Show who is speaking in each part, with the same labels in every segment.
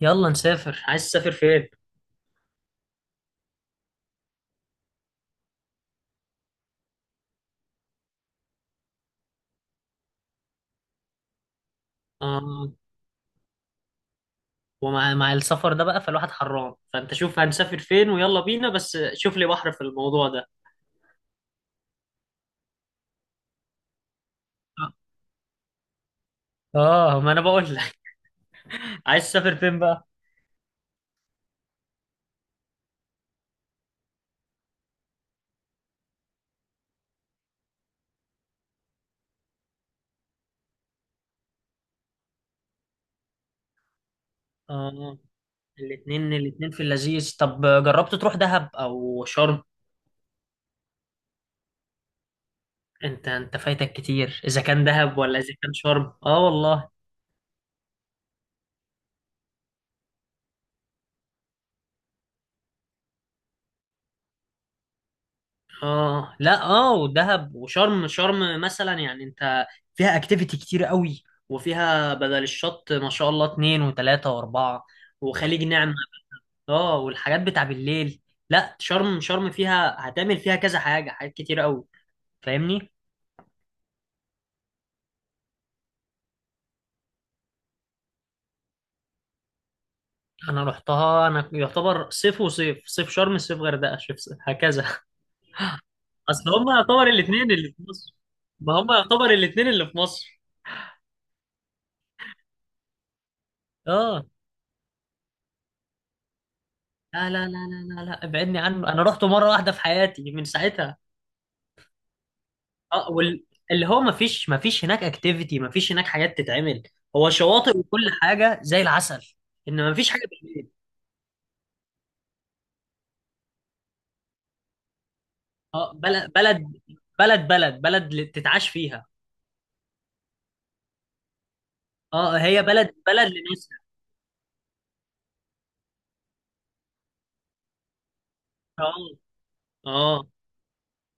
Speaker 1: يلا نسافر. عايز تسافر فين؟ آه. ومع السفر ده بقى، فالواحد حران، فانت شوف هنسافر فين ويلا بينا، بس شوف لي بحر في الموضوع ده. اه، ما انا بقول لك. عايز تسافر فين بقى؟ آه. الاتنين الاتنين في اللذيذ. طب جربت تروح دهب او شرم؟ انت فايتك كتير، اذا كان دهب ولا اذا كان شرم. اه والله. اه، لا، اه، ودهب وشرم، شرم مثلا يعني انت فيها اكتيفيتي كتير قوي. وفيها بدل الشط ما شاء الله اتنين وتلاتة واربعة، وخليج نعمة. اه، والحاجات بتاع بالليل. لا شرم، شرم فيها هتعمل فيها كذا حاجة، حاجات كتير قوي، فاهمني. انا رحتها، انا يعتبر صيف وصيف صيف شرم، صيف غردقة، هكذا. اصل هما يعتبر الاتنين اللي في مصر. ما هما يعتبر الاتنين اللي في مصر. اه. لا لا لا لا لا لا، ابعدني عنه. انا رحت مره واحده في حياتي من ساعتها. اه. اللي هو ما فيش هناك اكتيفيتي. ما فيش هناك حاجات تتعمل. هو شواطئ، وكل حاجه زي العسل. ان ما فيش حاجه بالليل. اه، بلد بلد، بلد بلد بلد تتعاش فيها. اه، هي بلد بلد لناسها. اه. اه.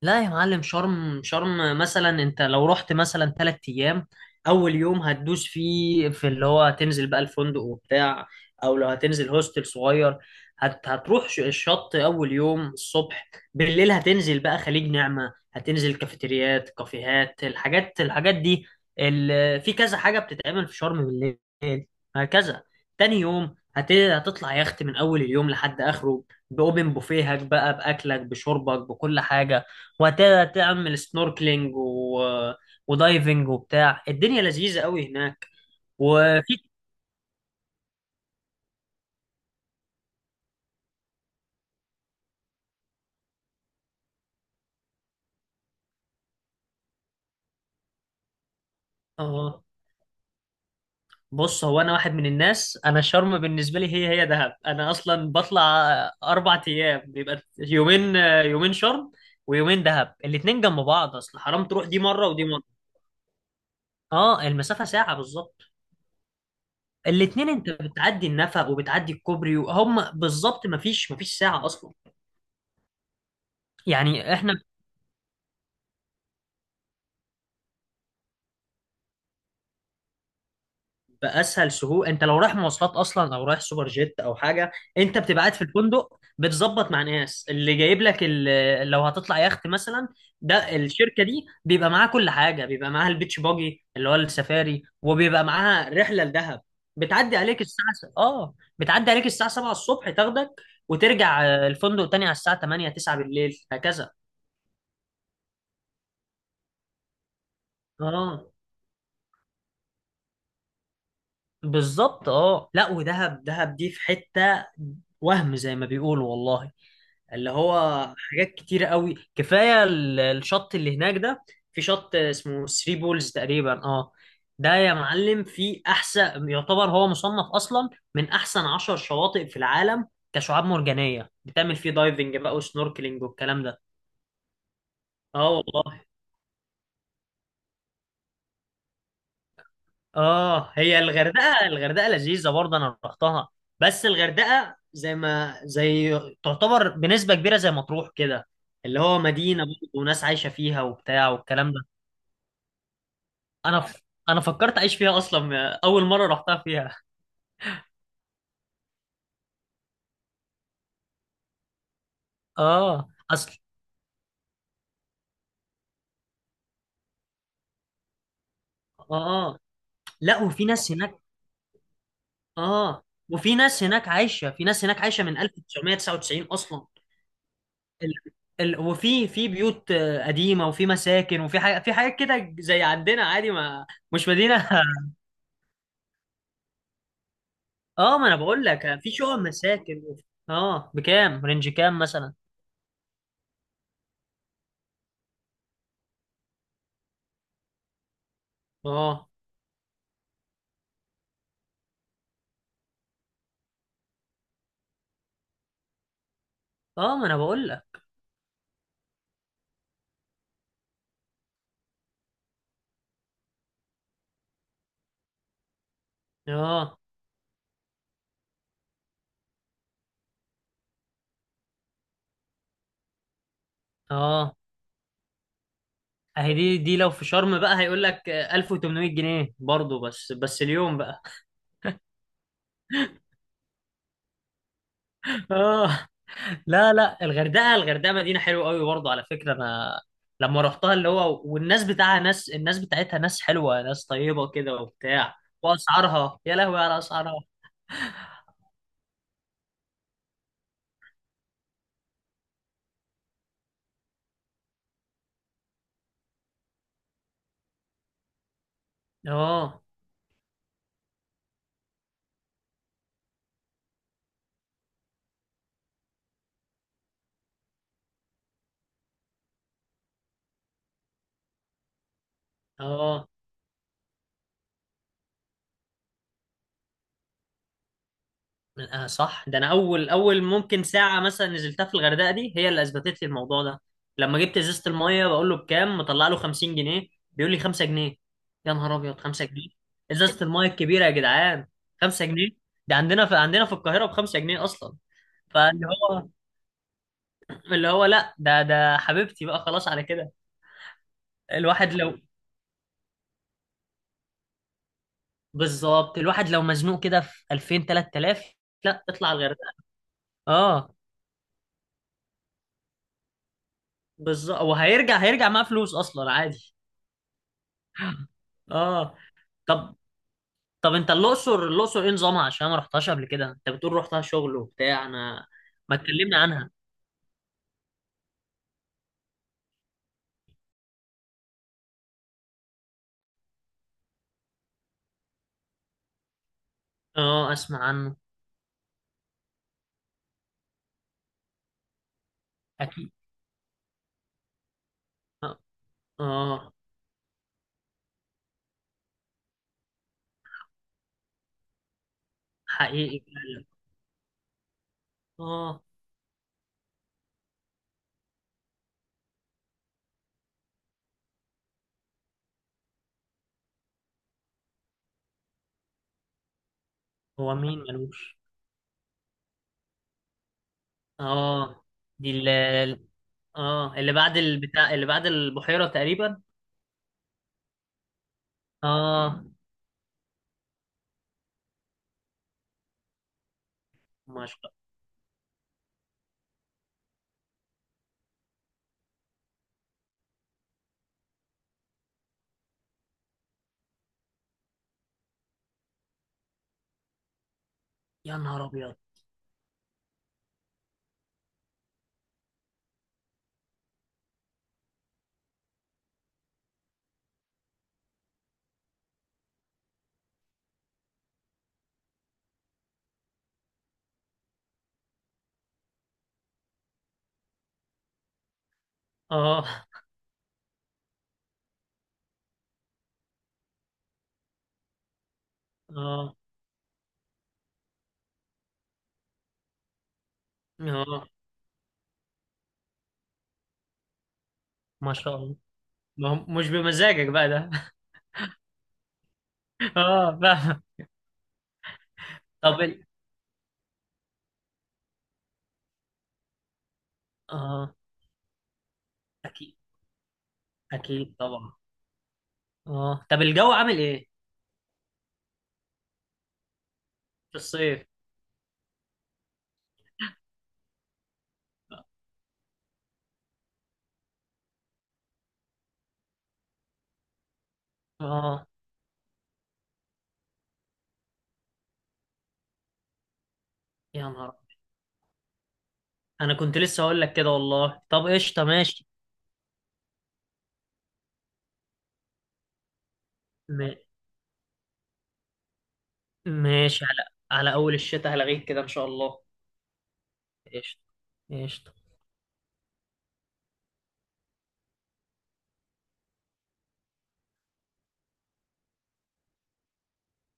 Speaker 1: لا يا معلم، شرم، شرم مثلا انت لو رحت مثلا 3 ايام، اول يوم هتدوس فيه في اللي هو هتنزل بقى الفندق وبتاع، او لو هتنزل هوستل صغير، هتروح الشط اول يوم الصبح. بالليل هتنزل بقى خليج نعمة، هتنزل كافيتريات، كافيهات، الحاجات دي. في كذا حاجة بتتعمل في شرم بالليل، هكذا. تاني يوم هتطلع يخت من اول اليوم لحد اخره. باوبن بوفيهك بقى، باكلك، بشربك، بكل حاجة. وتعمل سنوركلينج ودايفنج وبتاع. الدنيا لذيذة قوي هناك. وفي. اه، بص، هو انا واحد من الناس، انا شرم بالنسبة لي هي دهب. انا اصلا بطلع 4 ايام، بيبقى يومين، يومين شرم ويومين دهب. الاتنين جنب بعض، اصل حرام تروح دي مرة ودي مرة. اه، المسافة ساعة بالظبط. الاتنين انت بتعدي النفق وبتعدي الكوبري، وهم بالظبط مفيش ساعة اصلا. يعني احنا باسهل سهول. انت لو رايح مواصلات اصلا او رايح سوبر جيت او حاجه، انت بتبقى قاعد في الفندق بتظبط مع ناس اللي جايب لك لو هتطلع يخت مثلا. ده الشركه دي بيبقى معاها كل حاجه، بيبقى معاها البيتش باجي اللي هو السفاري، وبيبقى معاها رحله لدهب. بتعدي عليك الساعه بتعدي عليك الساعه 7 الصبح تاخدك، وترجع الفندق تاني على الساعه 8 9 بالليل، هكذا. اه بالظبط. اه، لا، ودهب، دهب دي في حته. وهم زي ما بيقولوا والله، اللي هو حاجات كتيرة قوي. كفاية الشط اللي هناك ده. في شط اسمه ثري بولز تقريبا، اه. ده يا معلم في أحسن يعتبر، هو مصنف أصلا من أحسن 10 شواطئ في العالم، كشعاب مرجانية، بتعمل فيه دايفنج بقى وسنوركلينج والكلام ده. اه والله. اه، هي الغردقة، الغردقة لذيذة برضه، أنا رحتها. بس الغردقة زي ما زي تعتبر بنسبة كبيرة زي مطروح كده، اللي هو مدينة برضه وناس عايشة فيها وبتاع والكلام ده. انا ف... انا فكرت اعيش فيها اصلا اول مره رحتها فيها. اه اصل. اه. آه. لا، وفي ناس هناك. اه، وفي ناس هناك عايشه، في ناس هناك عايشه من 1999 اصلا. ال... وفي بيوت قديمه، وفي مساكن، وفي حاجه، في حاجات كده زي عندنا عادي، ما مش مدينه. اه، ما انا بقول لك، في شقق، مساكن. اه، بكام؟ رينج كام مثلا؟ اه اه، ما انا بقول لك. اه اه. اهي دي، دي لو في شرم بقى هيقول لك 1800 جنيه برضه، بس بس اليوم بقى. اه لا، لا، الغردقه، الغردقه مدينه حلوه قوي برضه، على فكره، انا لما رحتها اللي هو، والناس بتاعها ناس، الناس بتاعتها ناس حلوه ناس طيبه كده وبتاع. واسعارها، يا لهوي على اسعارها. اه اه، صح. ده انا اول، اول ممكن ساعه مثلا نزلتها في الغردقه دي هي اللي اثبتت لي الموضوع ده. لما جبت ازازه الميه، بقول له بكام؟ مطلع له 50 جنيه، بيقول لي 5 جنيه. يا نهار ابيض، 5 جنيه! ازازه الميه الكبيره يا جدعان، 5 جنيه! ده عندنا في القاهره ب 5 جنيه اصلا. فاللي هو اللي هو لا، ده ده حبيبتي بقى، خلاص على كده. الواحد لو، بالظبط الواحد لو مزنوق كده في 2000 3000، لا اطلع الغردقه. اه بالظبط، وهيرجع معاه فلوس اصلا عادي. اه، طب طب انت الاقصر، الاقصر ايه نظامها؟ عشان ما رحتهاش قبل كده، انت بتقول رحتها شغل وبتاع. انا ما تكلمنا عنها. اه، اسمع عنه. اكيد. اه اه، حقيقي فعلا. اه. هو مين ملوش؟ اه. دي اللي، اه، اللي بعد البتاع، اللي بعد البحيرة تقريبا. اه ما شاء الله. يا نهار ابيض. اه اه اه، ما شاء الله. ما هو مش بمزاجك بقى ده. اه، فاهم. طب ال... اه اكيد، اكيد طبعا. اه، طب الجو عامل ايه؟ في الصيف. اه يا نهار. انا كنت لسه هقول لك كده والله. طب قشطه، ماشي. م... ماشي، على اول الشتاء هلغيك كده ان شاء الله. قشطه. قشطه.